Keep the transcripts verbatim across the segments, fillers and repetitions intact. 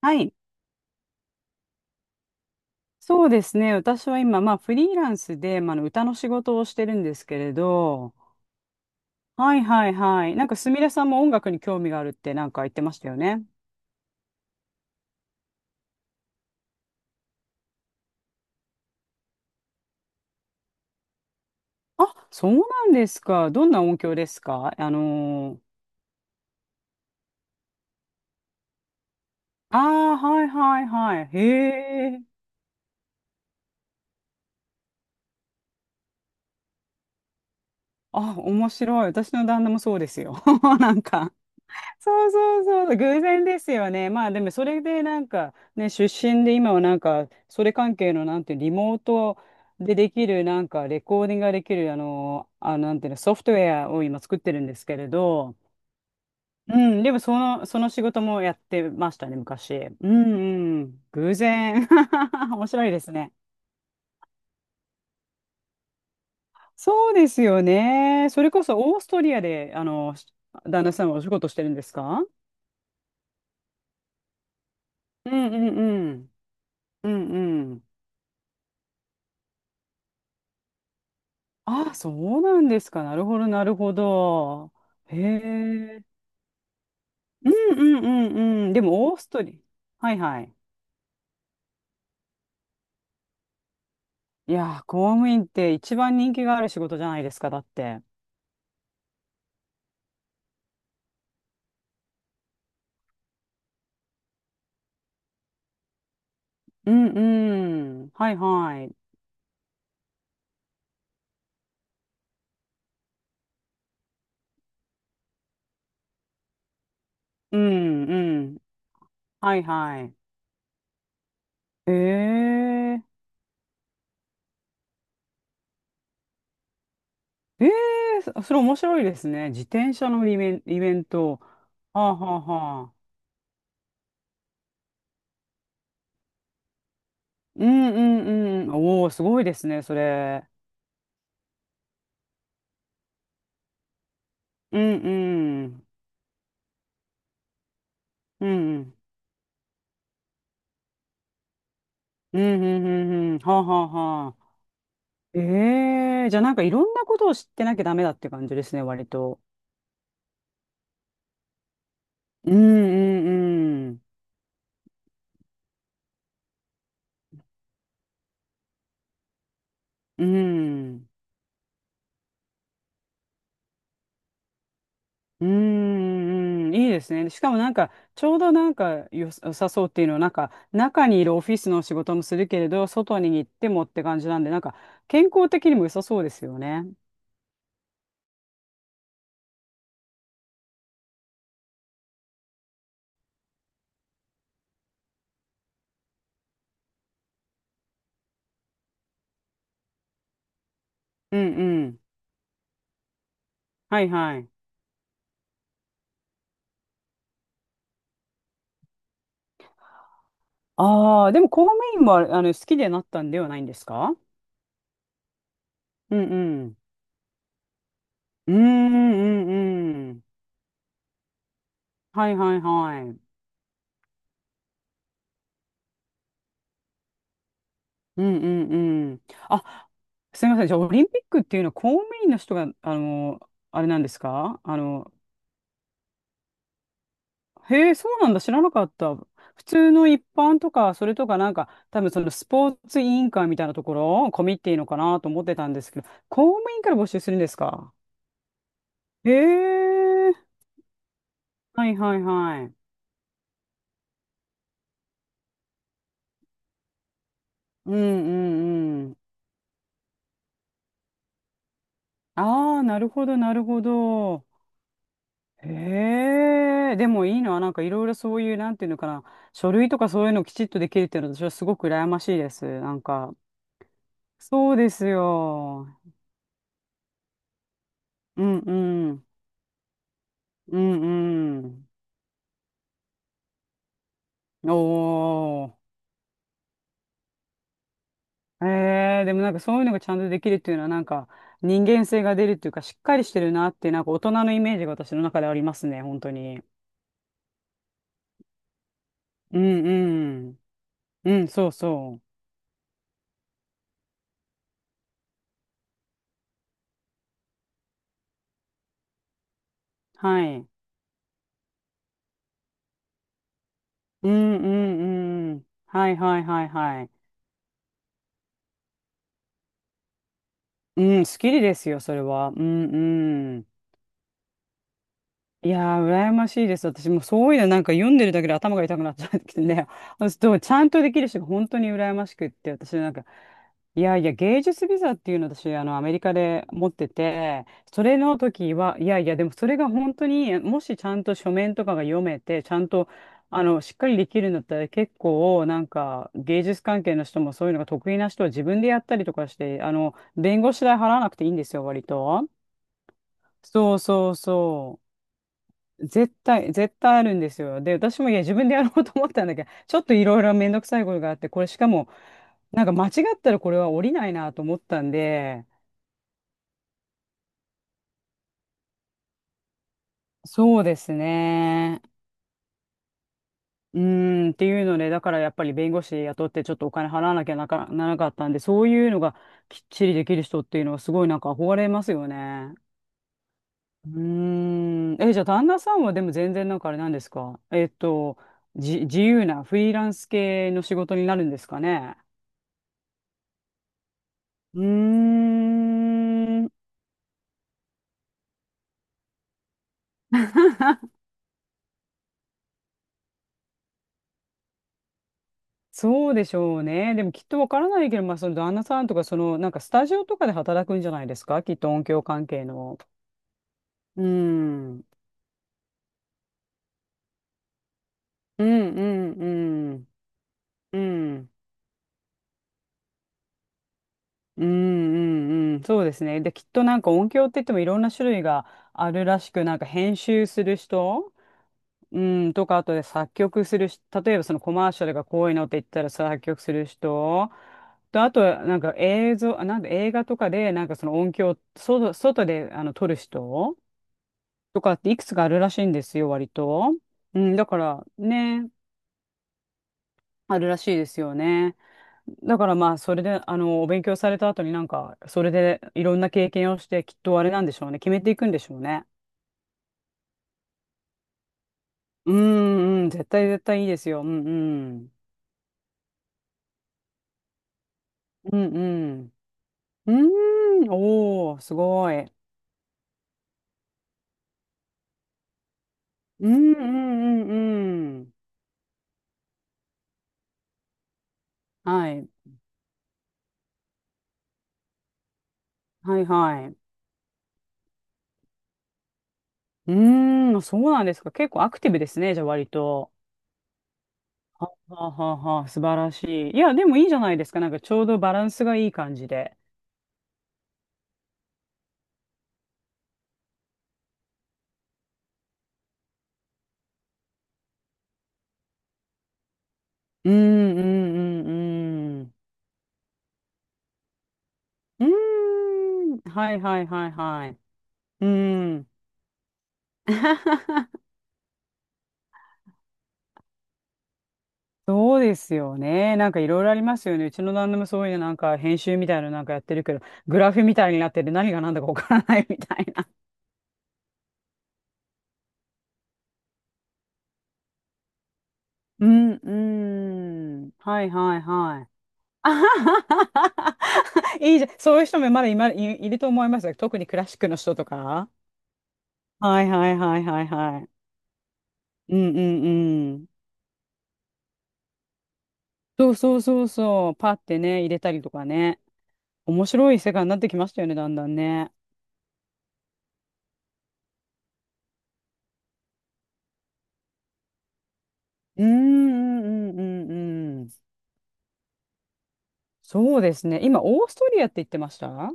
はい、そうですね。私は今、まあ、フリーランスで、まあ、あの歌の仕事をしてるんですけれど、はいはいはい。なんか、すみれさんも音楽に興味があるってなんか言ってましたよね。あ、そうなんですか。どんな音響ですか？あのー、ああ、はいはいはい。へえ。あ、面白い。私の旦那もそうですよ。なんかそうそうそう、偶然ですよね。まあでもそれでなんかね、出身で今はなんか、それ関係のなんていうリモートでできるなんかレコーディングができるあの、あ、なんていうの、ソフトウェアを今作ってるんですけれど、うん、でもその、その仕事もやってましたね、昔。うんうん、偶然。面白いですね。そうですよね。それこそオーストリアで、あの、旦那さんはお仕事してるんですか？うんうんうん。うんうん。あ、そうなんですか。なるほど、なるほど。へえ。うんうんうんうん。でも、オーストリー。はいはい。いやー、公務員って一番人気がある仕事じゃないですか、だって。うんうん。はいはい。うんうん。はいはい。ええ。ええ、そそれ面白いですね。自転車のイベン、イベント。はあはあはあ。うんうんうん。おお、すごいですね、それ。うんうん。うんうん。うんうんうんうん。はあ、はあはあ。ええ、じゃあなんかいろんなことを知ってなきゃダメだって感じですね、割と。うんうんうん。うんうんうん。いいですね。しかもなんか、ちょうどなんかよさ良さそうっていうのは、なんか、中にいるオフィスの仕事もするけれど、外に行ってもって感じなんで、なんか、健康的にも良さそうですよね。うんうん。はいはい。ああ、でも公務員もあの好きでなったんではないんですか？うんうん。うんうんうんうん。はいはいはい。うんうんうん。あ、すみません。じゃあ、オリンピックっていうのは公務員の人が、あの、あれなんですか？あの、へえ、そうなんだ。知らなかった。普通の一般とか、それとかなんか、多分そのスポーツ委員会みたいなところ、コミっていいのかなと思ってたんですけど、公務員から募集するんですか？へえ、はいはいはい。うんうんうん。ああ、なるほど、なるほど。へえ、でもいいな。なんかいろいろそういう、なんていうのかな。書類とかそういうのをきちっとできるっていうのは私はすごく羨ましいです。なんか、そうですよ。うんうん。うんうん。おー。えー、でもなんかそういうのがちゃんとできるっていうのはなんか人間性が出るっていうかしっかりしてるなってなんか大人のイメージが私の中でありますね、本当に。うんうん。うん、そうそう。はい。うんうんうん。はいはいはいはい。うん、スッキリですよ、それは。うんうん。いやー、羨ましいです。私もそういうのなんか読んでるだけで頭が痛くなっちゃってきてね。あのそうちゃんとできる人が本当に羨ましくって、私なんか、いやいや、芸術ビザっていうのを私、あの、アメリカで持ってて、それの時は、いやいや、でもそれが本当に、もしちゃんと書面とかが読めて、ちゃんと、あの、しっかりできるんだったら、結構、なんか、芸術関係の人もそういうのが得意な人は自分でやったりとかして、あの、弁護士代払わなくていいんですよ、割と。そうそうそう。絶対、絶対あるんですよ。で、私もいや、自分でやろうと思ったんだけど、ちょっといろいろめんどくさいことがあって、これしかも、なんか間違ったらこれは降りないなと思ったんで、そうですね。うーん、っていうので、だからやっぱり弁護士雇ってちょっとお金払わなきゃなかならなかったんで、そういうのがきっちりできる人っていうのはすごいなんか憧れますよね。うーん。え、じゃあ、旦那さんはでも全然なんかあれなんですか？えっと、じ、自由なフリーランス系の仕事になるんですかね？うーん。そうでしょうね。でもきっとわからないけど、まあ、その旦那さんとか、その、なんかスタジオとかで働くんじゃないですか？きっと音響関係の。うーん。うんうんうん。うん。うんうんうん。そうですね。で、きっとなんか音響って言ってもいろんな種類があるらしく、なんか編集する人うん、とか、あとで作曲するし、例えばそのコマーシャルがこういうのって言ったら作曲する人、と、あと、なんか映像、あなんで映画とかで、なんかその音響、外、外であの撮る人とかっていくつかあるらしいんですよ、割と。うん、だからね、あるらしいですよね。だからまあ、それで、あの、お勉強された後になんか、それでいろんな経験をして、きっとあれなんでしょうね、決めていくんでしょうね。うん、うん、絶対絶対いいですよ。うん、うん。うん、うん。うーん、おー、すごい。うん、うん、うん、うん。はい、はい、はい。うーん、そうなんですか。結構アクティブですね、じゃあ割と。ははははは、素晴らしい。いや、でもいいじゃないですか。なんかちょうどバランスがいい感じで。うん、うん、うん、うん。うーん、はい、はい、はい、はい。うん。そうですよね。なんかいろいろありますよね。うちの旦那もそういうなんか編集みたいなのなんかやってるけど、グラフみたいになってて何が何だかわからないみたいな。うん、うん。はいはいはい。あははははいいじゃん。そういう人もまだ今い、いると思いますよ。特にクラシックの人とか。はいはいはいはいはい。うんうんうん。そうそうそうそう。パってね、入れたりとかね。面白い世界になってきましたよね、だんだんね。うんうんうんうんうん。そうですね。今、オーストリアって言ってました？あ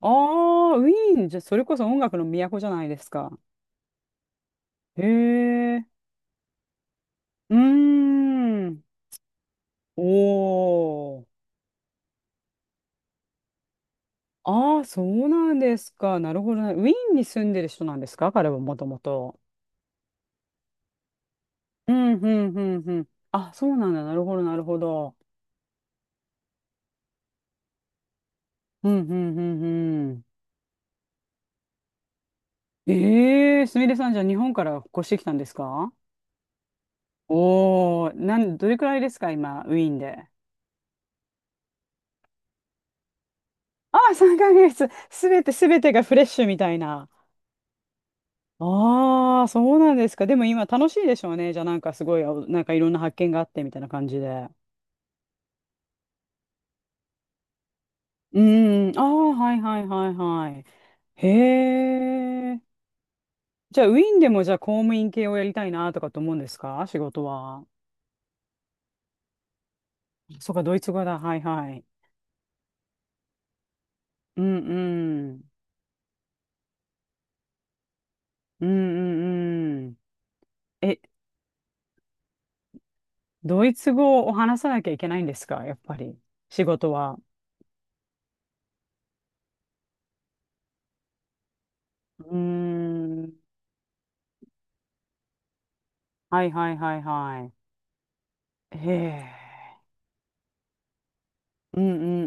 あー、ウィーン、じゃ、それこそ音楽の都じゃないですか。へえ。うーん。おー。ああ、そうなんですか。なるほどね。ウィーンに住んでる人なんですか？彼はもともと。うん、うん、うん、うん。あ、そうなんだ。なるほど、なるほど。うん、うん、うん、うん。ええ、すみれさん、じゃあ日本から越してきたんですか？おおー、なん、どれくらいですか、今、ウィーンで？ああ、さんかげつ。すべてすべてがフレッシュみたいな。ああ、そうなんですか。でも今楽しいでしょうね。じゃあなんかすごい、あなんかいろんな発見があってみたいな感じで。うーん。ああ、はいはいはいはい。へえ。じゃあウィーンでもじゃあ公務員系をやりたいなとかと思うんですか？仕事は。そうか、ドイツ語だ。はいはい。うんうん。うんうんうん。え、ドイツ語を話さなきゃいけないんですか？やっぱり。仕事は。うーん。はいはいはいはい。へえ。うんう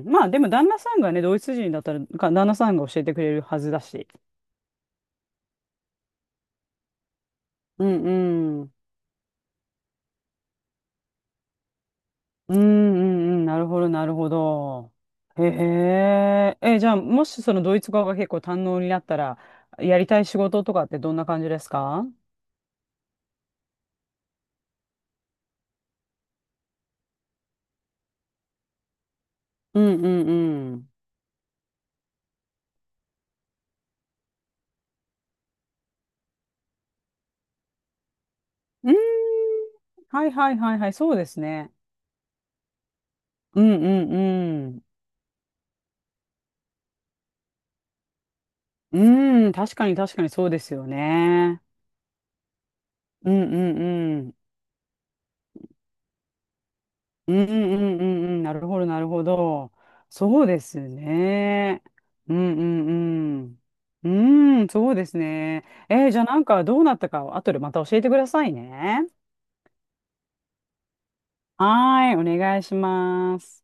んうん。まあでも旦那さんがね、ドイツ人だったら、か旦那さんが教えてくれるはずだし。うんうん。うんうんうん。なるほどなるほど。へえ。え、じゃあもしそのドイツ語が結構堪能になったら、やりたい仕事とかってどんな感じですか？うんうんうん。うーん。はいはいはいはい。そうですね。うんうんうん。うん。確かに確かにそうですよね。うんうんうん。うんうんうんうんうん、なるほど、なるほど。そうですね。うんうんうん。うん、そうですね。えーじゃあなんかどうなったか、後でまた教えてくださいね。はーい、お願いします。